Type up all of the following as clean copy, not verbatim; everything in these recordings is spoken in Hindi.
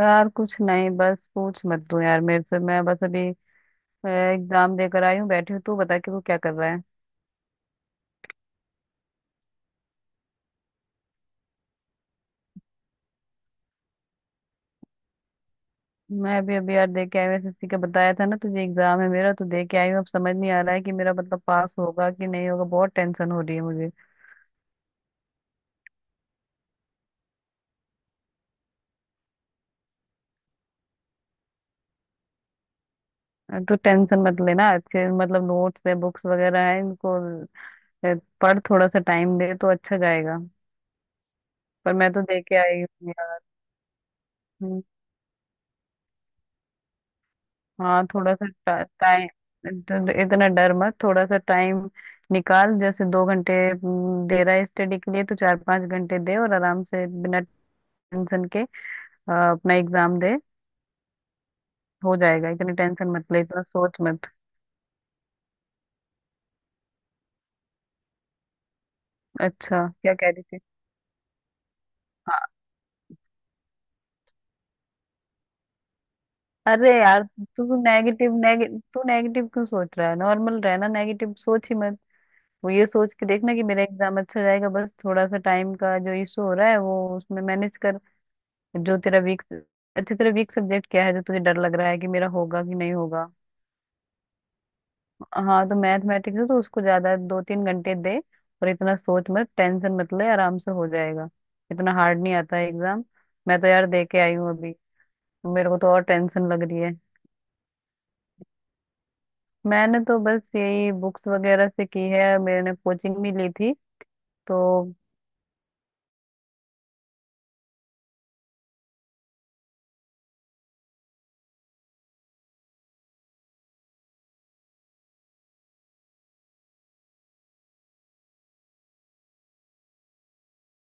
यार कुछ नहीं बस पूछ मत तू यार मेरे से। मैं बस अभी एग्जाम देकर आई हूँ बैठी हूँ। तू बता कि तू क्या कर रहा है। मैं अभी अभी यार दे के आई हूँ। एसएससी का बताया था ना तुझे। एग्जाम है मेरा तो दे के आई हूँ। अब समझ नहीं आ रहा है कि मेरा मतलब पास होगा कि नहीं होगा। बहुत टेंशन हो रही है मुझे। तो टेंशन मत लेना। अच्छे मतलब नोट्स है बुक्स वगैरह है इनको। अ, पढ़ थोड़ा सा टाइम दे तो अच्छा जाएगा। पर मैं तो दे के आई हूँ यार। हाँ थोड़ा सा टाइम। इतना डर मत थोड़ा सा टाइम निकाल। जैसे दो घंटे दे रहा है स्टडी के लिए तो चार पांच घंटे दे। और आराम से बिना टेंशन के अपना एग्जाम दे। हो जाएगा। इतनी टेंशन मत ले। इतना सोच मत। अच्छा क्या कह रही थी। हाँ। अरे यार। तू नेगेटिव नेगे, तू नेगेटिव क्यों सोच रहा है। नॉर्मल रहना। नेगेटिव सोच ही मत। वो ये सोच के देखना कि मेरा एग्जाम अच्छा जाएगा। बस थोड़ा सा टाइम का जो इशू हो रहा है वो उसमें मैनेज कर। जो तेरा वीक अच्छा तेरा वीक सब्जेक्ट क्या है जो तुझे डर लग रहा है कि मेरा होगा कि नहीं होगा। हाँ तो मैथमेटिक्स है तो उसको ज्यादा दो तीन घंटे दे। और इतना सोच मत। टेंशन मत ले। आराम से हो जाएगा। इतना हार्ड नहीं आता है एग्जाम। मैं तो यार दे के आई हूँ अभी। मेरे को तो और टेंशन लग रही है। मैंने तो बस यही बुक्स वगैरह से की है। मैंने कोचिंग भी ली थी तो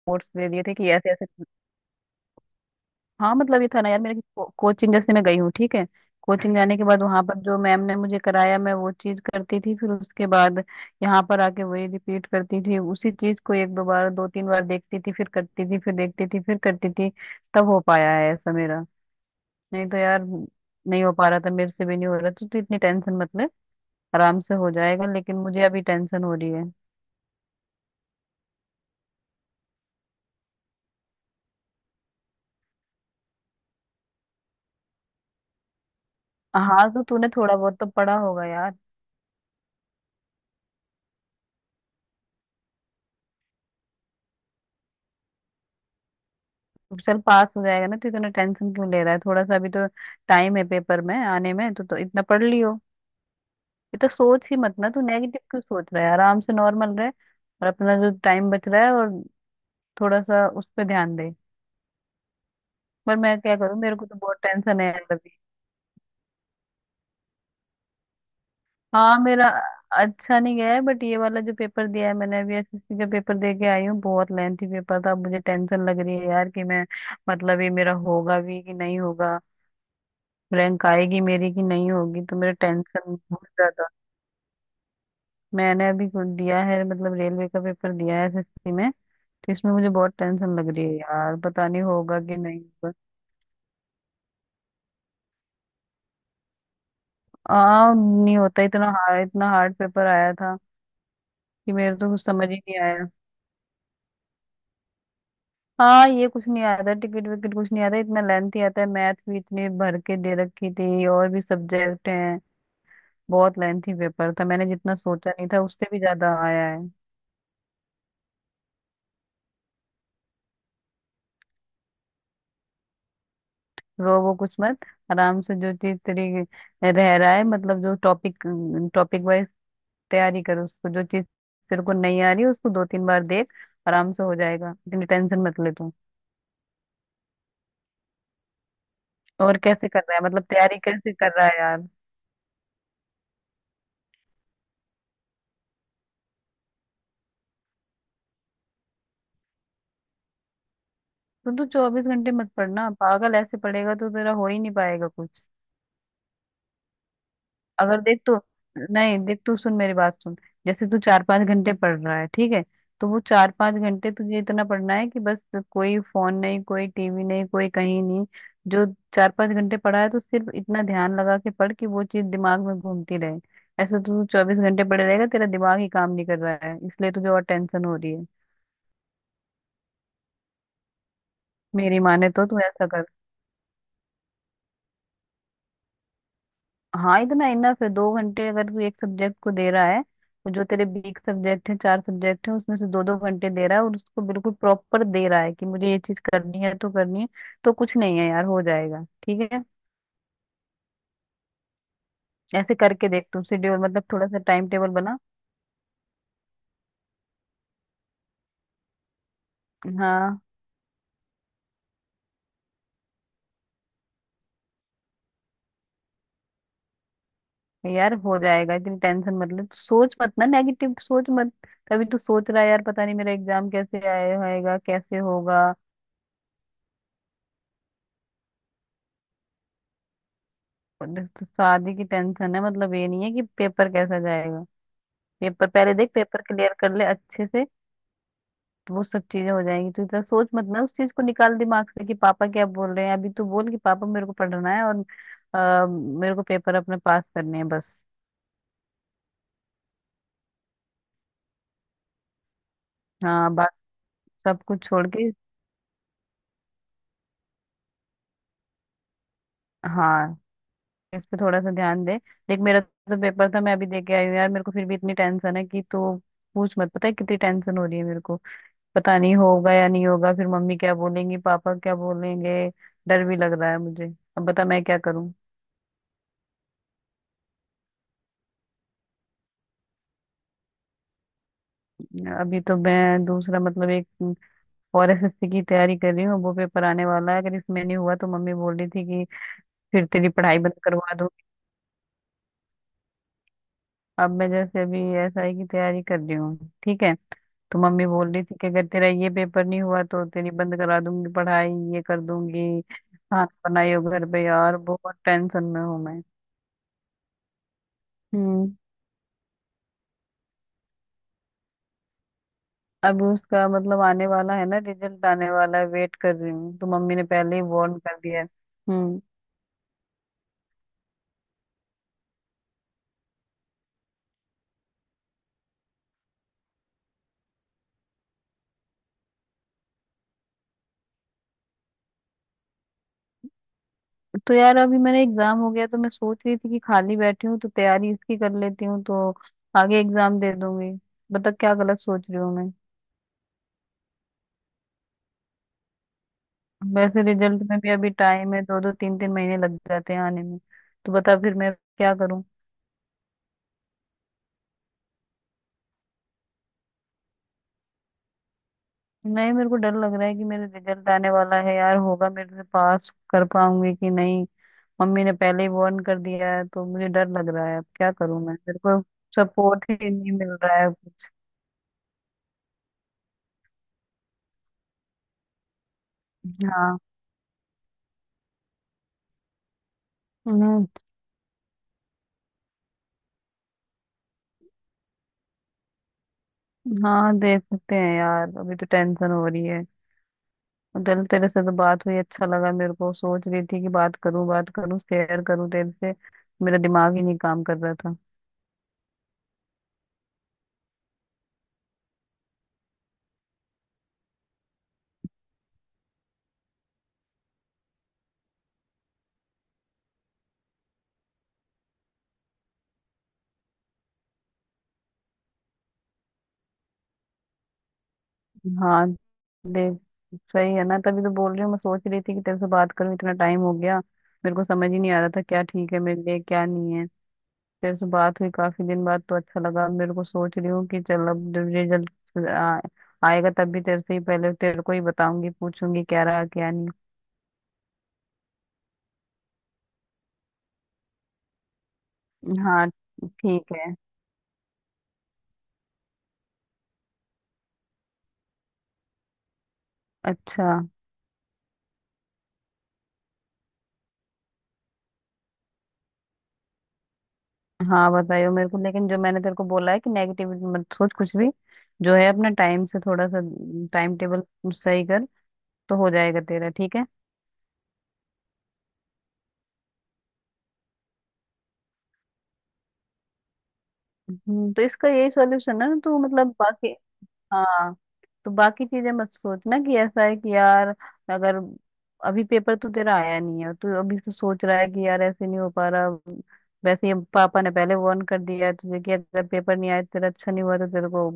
कोर्स ले लिए थे कि ऐसे ऐसे। हाँ मतलब ये था ना यार मेरे। कोचिंग जैसे मैं गई हूँ ठीक है। कोचिंग जाने के बाद वहां पर जो मैम ने मुझे कराया मैं वो चीज करती थी। फिर उसके बाद यहाँ पर आके वही रिपीट करती थी। उसी चीज को एक दो बार दो तीन बार देखती थी फिर करती थी फिर देखती थी फिर करती थी। तब हो पाया है ऐसा मेरा। नहीं तो यार नहीं हो पा रहा था। मेरे से भी नहीं हो रहा तो इतनी टेंशन मतलब आराम से हो जाएगा। लेकिन मुझे अभी टेंशन हो रही है। हाँ तो तूने थोड़ा बहुत तो पढ़ा होगा यार। चल पास हो जाएगा ना। तो इतना टेंशन क्यों ले रहा है। थोड़ा सा अभी तो टाइम है पेपर में आने में तो इतना पढ़ लियो। इतना सोच ही मत ना। तू नेगेटिव क्यों सोच रहा है। आराम से नॉर्मल रहे और अपना जो टाइम बच रहा है और थोड़ा सा उस पर ध्यान दे। पर मैं क्या करूँ। मेरे को तो बहुत टेंशन है यार अभी। हाँ मेरा अच्छा नहीं गया है। बट ये वाला जो पेपर दिया है मैंने अभी एसएससी का पेपर दे के आई हूँ। बहुत लेंथी पेपर था। अब मुझे टेंशन लग रही है यार कि मैं मतलब ये मेरा होगा भी कि नहीं होगा। रैंक आएगी मेरी कि नहीं होगी तो मेरा टेंशन बहुत ज्यादा। मैंने अभी कुछ दिया है मतलब रेलवे का पेपर दिया है एसएससी में। तो इसमें मुझे बहुत टेंशन लग रही है यार। पता नहीं होगा कि नहीं होगा। हाँ नहीं होता इतना हार्ड। इतना हार्ड पेपर आया था कि मेरे तो कुछ समझ ही नहीं आया। हाँ ये कुछ नहीं आता। टिकट विकट कुछ नहीं आता। इतना लेंथी आता है। मैथ भी इतनी भर के दे रखी थी और भी सब्जेक्ट हैं। बहुत लेंथी पेपर था। मैंने जितना सोचा नहीं था उससे भी ज्यादा आया है। रो वो कुछ मत। आराम से जो चीज तेरी रह रहा है मतलब जो टॉपिक टॉपिक वाइज तैयारी कर। उसको जो चीज तेरे को नहीं आ रही उसको दो तीन बार देख। आराम से हो जाएगा। इतनी टेंशन मत ले तू। और कैसे कर रहा है मतलब तैयारी कैसे कर रहा है यार। तो तू चौबीस घंटे मत पढ़ना पागल। ऐसे पढ़ेगा तो तेरा हो ही नहीं पाएगा कुछ। अगर देख तू नहीं देख तू सुन मेरी बात सुन। जैसे तू चार पांच घंटे पढ़ रहा है ठीक है। तो वो चार पांच घंटे तुझे इतना पढ़ना है कि बस कोई फोन नहीं कोई टीवी नहीं कोई कहीं नहीं। जो चार पांच घंटे पढ़ा है तो सिर्फ इतना ध्यान लगा के पढ़ कि वो चीज दिमाग में घूमती रहे। ऐसे तो तू चौबीस घंटे पड़े रहेगा। तेरा दिमाग ही काम नहीं कर रहा है इसलिए तुझे और टेंशन हो रही है। मेरी माने तो तू ऐसा कर। हाँ इतना इनफ है। दो घंटे अगर तू एक सब्जेक्ट को दे रहा है तो जो तेरे बीक सब्जेक्ट है चार सब्जेक्ट है उसमें से दो दो घंटे दे रहा है और उसको बिल्कुल प्रॉपर दे रहा है कि मुझे ये चीज करनी है तो करनी है। तो कुछ नहीं है यार हो जाएगा ठीक है। ऐसे करके देख तू शेड्यूल मतलब थोड़ा सा टाइम टेबल बना। हाँ यार हो जाएगा। इतनी टेंशन मतलब सोच मत ना। नेगेटिव सोच मत। तभी तू सोच रहा है यार पता नहीं मेरा एग्जाम कैसे आए होएगा कैसे होगा। और देख, तो शादी की टेंशन है मतलब ये नहीं है कि पेपर कैसा जाएगा। पेपर पहले देख पेपर क्लियर कर ले अच्छे से। तो वो सब चीजें हो जाएंगी। तू इतना सोच मत ना उस चीज को निकाल दिमाग से कि पापा क्या बोल रहे हैं। अभी तू बोल कि पापा मेरे को पढ़ना है और अ, मेरे को पेपर अपने पास करने हैं बस। हाँ बाकी सब कुछ छोड़ के। हाँ इस पे थोड़ा सा ध्यान दे। देख मेरा तो पेपर था। मैं अभी दे के आई हूँ यार। मेरे को फिर भी इतनी टेंशन है कि तू पूछ मत। पता है कितनी टेंशन हो रही है मेरे को। पता नहीं होगा या नहीं होगा। फिर मम्मी क्या बोलेंगी पापा क्या बोलेंगे। डर भी लग रहा है मुझे। अब बता मैं क्या करूँ। अभी तो मैं दूसरा मतलब एक और एस एस सी की तैयारी कर रही हूँ। वो पेपर आने वाला है। अगर इसमें नहीं हुआ तो मम्मी बोल रही थी कि फिर तेरी पढ़ाई बंद करवा दूँ। अब मैं जैसे अभी एस आई की तैयारी कर रही हूँ ठीक है। तो मम्मी बोल रही थी कि अगर तेरा ये पेपर नहीं हुआ तो तेरी बंद करा दूंगी पढ़ाई। ये कर दूंगी खाना बनाई हो घर पे। यार बहुत टेंशन में हूँ मैं। हम्म। अब उसका मतलब आने वाला है ना। रिजल्ट आने वाला है वेट कर रही हूँ। तो मम्मी ने पहले ही वार्न कर दिया है। हम्म। तो यार अभी मेरा एग्जाम हो गया तो मैं सोच रही थी कि खाली बैठी हूँ तो तैयारी इसकी कर लेती हूँ तो आगे एग्जाम दे दूंगी। बता क्या गलत सोच रही हूँ मैं। वैसे रिजल्ट में भी अभी टाइम है। दो दो तीन तीन महीने लग जाते हैं आने में। तो बता फिर मैं क्या करूँ। नहीं मेरे को डर लग रहा है कि मेरा रिजल्ट आने वाला है यार। होगा मेरे से पास कर पाऊंगी कि नहीं। मम्मी ने पहले ही वार्न कर दिया है तो मुझे डर लग रहा है। अब क्या करूँ मैं। मेरे को सपोर्ट ही नहीं मिल रहा है कुछ। हाँ। हाँ देख सकते हैं यार अभी तो टेंशन हो रही है। और चल तेरे से तो बात हुई अच्छा लगा मेरे को। सोच रही थी कि बात करूं शेयर करूं तेरे से। मेरा दिमाग ही नहीं काम कर रहा था। हाँ देख सही है ना। तभी तो बोल रही हूँ। मैं सोच रही थी कि तेरे से बात करूं इतना टाइम हो गया। मेरे को समझ ही नहीं आ रहा था क्या ठीक है मेरे लिए क्या नहीं है। तेरे से बात हुई काफी दिन बाद तो अच्छा लगा मेरे को। सोच रही हूँ कि चल अब जब रिजल्ट आएगा तब भी तेरे से ही पहले तेरे को ही बताऊंगी पूछूंगी क्या रहा क्या नहीं। हाँ ठीक है। अच्छा। हाँ बताइयो मेरे को। लेकिन जो मैंने तेरे को बोला है कि नेगेटिविटी मत सोच कुछ भी। जो है अपना टाइम से थोड़ा सा टाइम टेबल सही कर। तो हो जाएगा तेरा ठीक है तो इसका यही सॉल्यूशन है ना तो मतलब बाकी। हाँ तो बाकी चीजें मत सोचना कि ऐसा है कि यार अगर अभी पेपर तो तेरा आया नहीं है तू अभी से सोच रहा है कि यार ऐसे नहीं हो पा रहा। वैसे ही पापा ने पहले वार्न कर दिया है तुझे कि अगर पेपर नहीं आया तेरा अच्छा नहीं हुआ तो तेरे को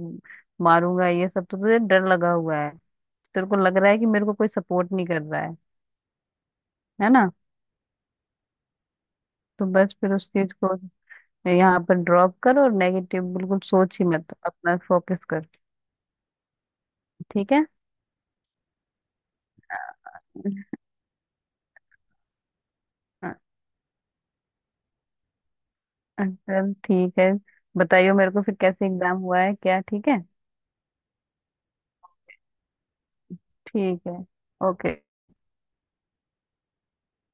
मारूंगा ये सब। तो तुझे डर लगा हुआ है। तेरे को लग रहा है कि मेरे को कोई सपोर्ट नहीं कर रहा है। है ना। तो बस फिर उस चीज को यहाँ पर ड्रॉप कर और नेगेटिव बिल्कुल सोच ही मत अपना फोकस कर। ठीक है। चल ठीक है। बताइयो मेरे को फिर कैसे एग्जाम हुआ है क्या ठीक है। ठीक है। ओके।